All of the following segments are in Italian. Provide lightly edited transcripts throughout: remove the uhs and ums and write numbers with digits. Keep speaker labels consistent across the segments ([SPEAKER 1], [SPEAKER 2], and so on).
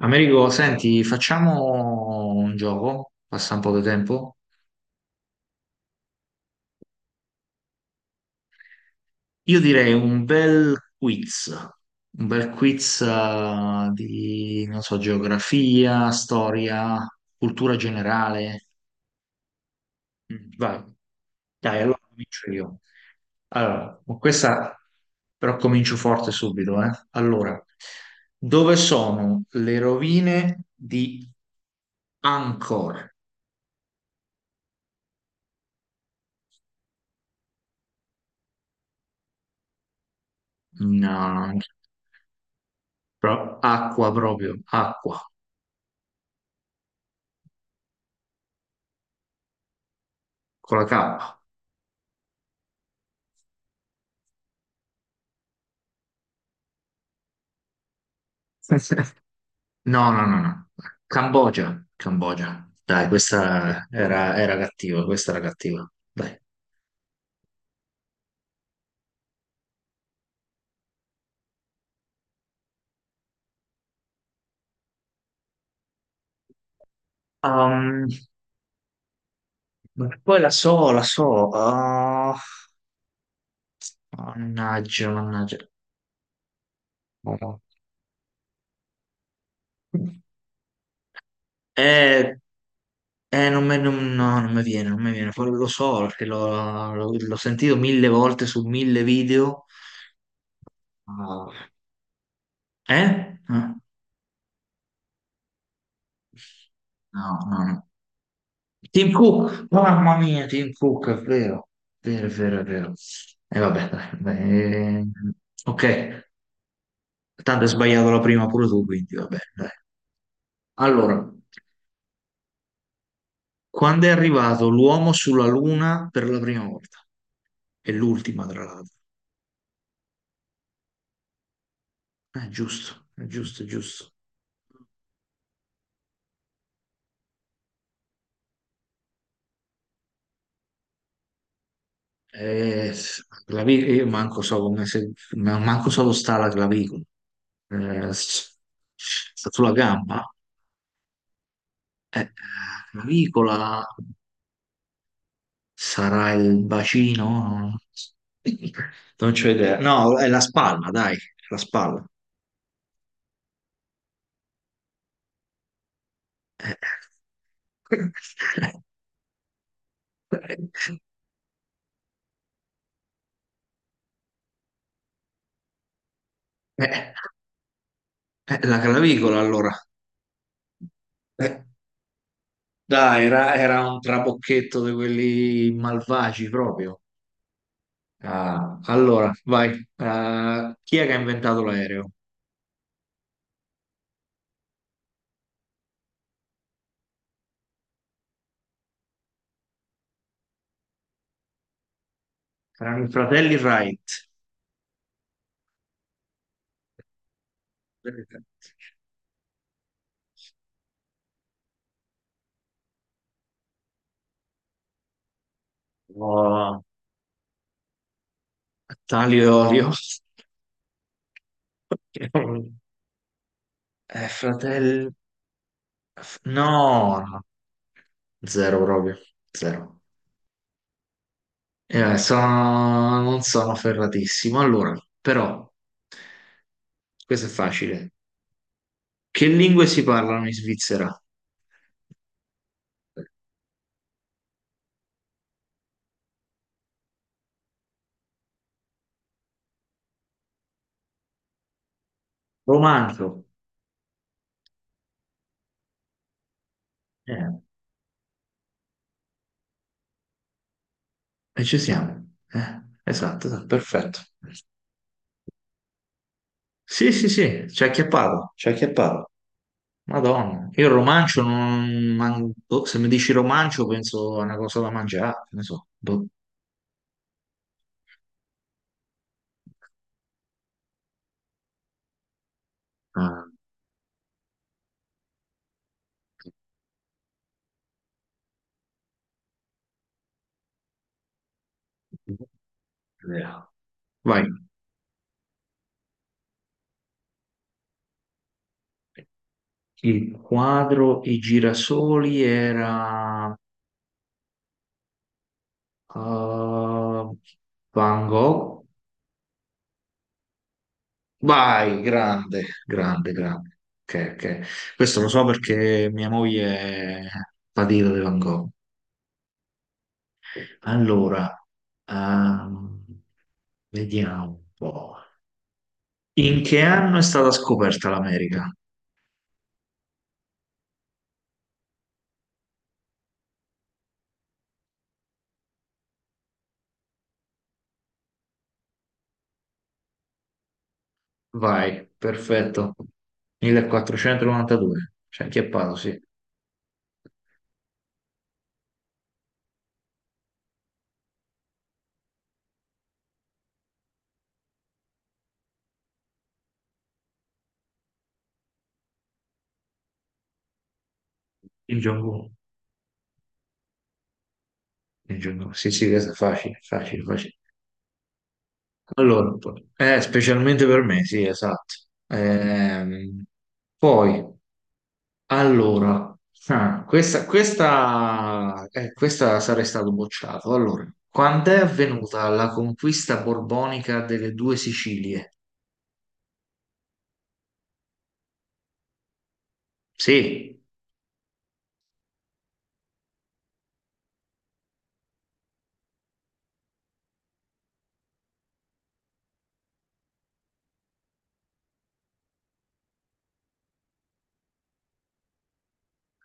[SPEAKER 1] Americo, senti, facciamo un gioco, passa un po' di tempo. Io direi un bel quiz di, non so, geografia, storia, cultura generale. Mm, vai, dai, allora comincio io. Allora, con questa però comincio forte subito, eh. Allora, dove sono le rovine di Angkor? No. Acqua proprio, acqua, con la K. No, no, no, no. Cambogia, Cambogia. Dai, questa era cattiva, questa era cattiva. Dai. Ehm, ma poi la so, la so. Ah, mannaggia, mannaggia. Eh, non me- non- no, non mi viene, non mi viene. Poi lo so, perché l'ho sentito mille volte su mille video. Ah, eh? Eh? No, no, no. Tim Cook, mamma mia, Tim Cook, è vero, è vero, è vero, è vero. E vabbè, dai, ok, tanto hai sbagliato la prima pure tu, quindi vabbè, dai. Allora, quando è arrivato l'uomo sulla Luna per la prima volta? E l'ultima, tra l'altro. Giusto, è giusto, è giusto. Eh, io manco so come se, manco so dove sta la clavicola. Eh, s- Sta sulla gamba. Eh, Clavicola. Sarà il bacino? Non c'ho idea. No, è la spalla, dai, la spalla. Eh, eh, la clavicola allora. Eh, Dai, era un trabocchetto di quelli malvagi proprio. Ah, allora, vai. Chi è che ha inventato l'aereo? Erano i fratelli Wright. Oh, Talio e Olio. Fratelli. No, no, zero proprio, zero. Non sono ferratissimo. Allora, però, questo è facile. Che lingue si parlano in Svizzera? Romanzo. Eh, e ci siamo. Esatto, esatto, perfetto. Sì, sì, sì, ci ha acchiappato, ci ha acchiappato. Madonna, io il romancio non... boh, se mi dici romancio penso a una cosa da mangiare, che ne so. Boh. Ah. Vai. Il quadro I girasoli era eh, Van Gogh. Vai, grande, grande, grande. Ok, ok. Questo lo so perché mia moglie è patita di Van Gogh. Allora, ehm, vediamo un po'. In che anno è stata scoperta l'America? Vai, perfetto. 1492. C'è anche a Paolo, sì. Kim Jong-un. Sì, sì, questo è facile, facile, facile. Allora, specialmente per me, sì, esatto. Ehm, Poi, allora, ah, questa sarei stato bocciato. Allora, quando è avvenuta la conquista borbonica delle due Sicilie? Sì,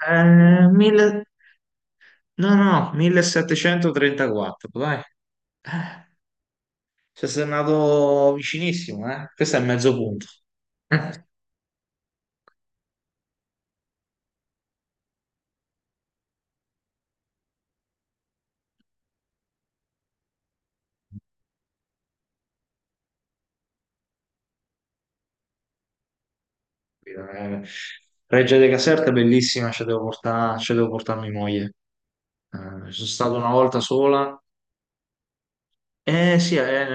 [SPEAKER 1] Eh, mille- no, no, 1734, dai. Ci sei andato vicinissimo, eh? Questo è mezzo punto. Capito? Reggia de Caserta è bellissima, ci devo portare mia moglie. Sono stato una volta sola. Eh sì, eh,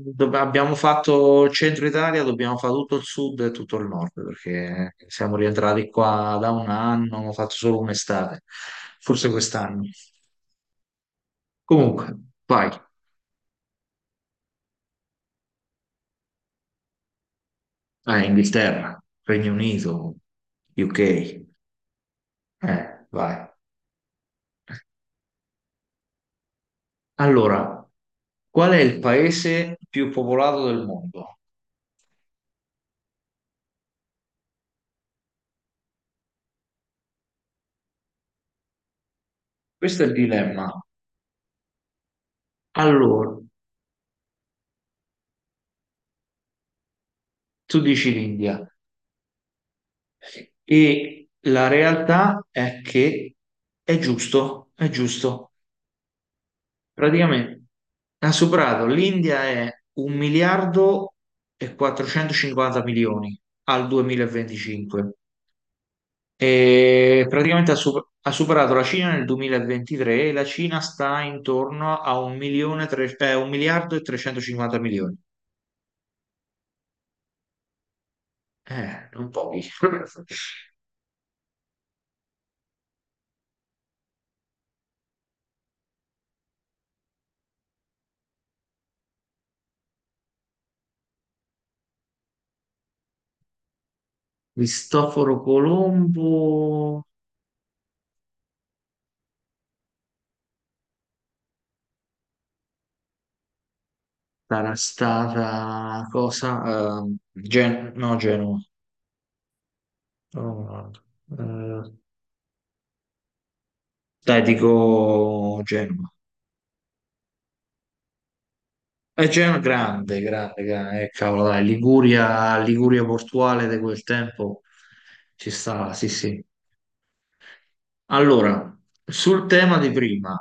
[SPEAKER 1] dobb- abbiamo fatto il centro Italia, dobbiamo fare tutto il sud e tutto il nord, perché siamo rientrati qua da un anno, ho fatto solo un'estate, forse quest'anno. Comunque, vai. Inghilterra, Regno Unito, UK. Vai. Allora, qual è il paese più popolato del mondo? Questo è il dilemma. Allora, tu dici l'India e la realtà è che è giusto, è giusto. Praticamente ha superato, l'India è un miliardo e 450 milioni al 2025 e praticamente ha superato la Cina nel 2023 e la Cina sta intorno a un miliardo e 350 milioni. Non pochi. Cristoforo Colombo sarà stata cosa? No, Genova. No, no, dai, dico Genova. È Genova grande, grande, grande. Cavolo, dai, Liguria, Liguria portuale di quel tempo ci stava, sì, sì. Allora, sul tema di prima,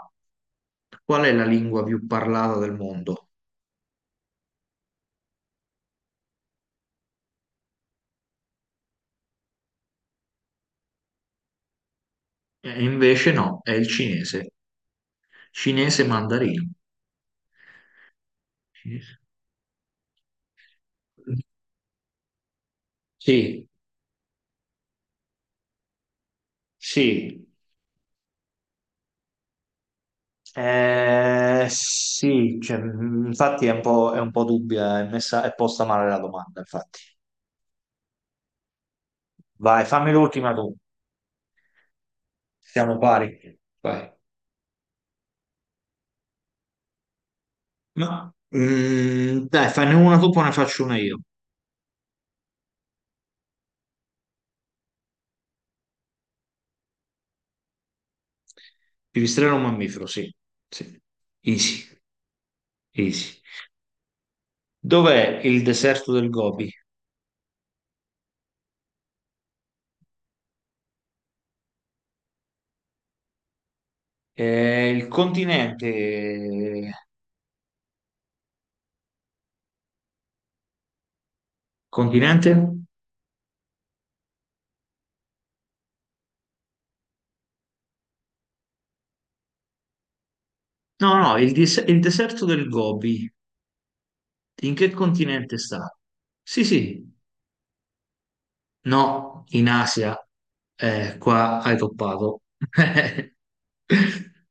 [SPEAKER 1] qual è la lingua più parlata del mondo? E invece no, è il cinese. Cinese mandarino. Sì, sì, eh, sì, cioè, infatti è un po' dubbia, è messa, è posta male la domanda, infatti. Vai, fammi l'ultima tu, siamo pari. Vai. Ma, dai, fanne una tu, poi ne faccio una io. Pipistrello o mammifero, sì. Sì. Easy, easy. Dov'è il deserto del Gobi? Il continente. Continente? No, no, il deserto del Gobi. In che continente sta? Sì, sì. No, in Asia. Qua hai toppato.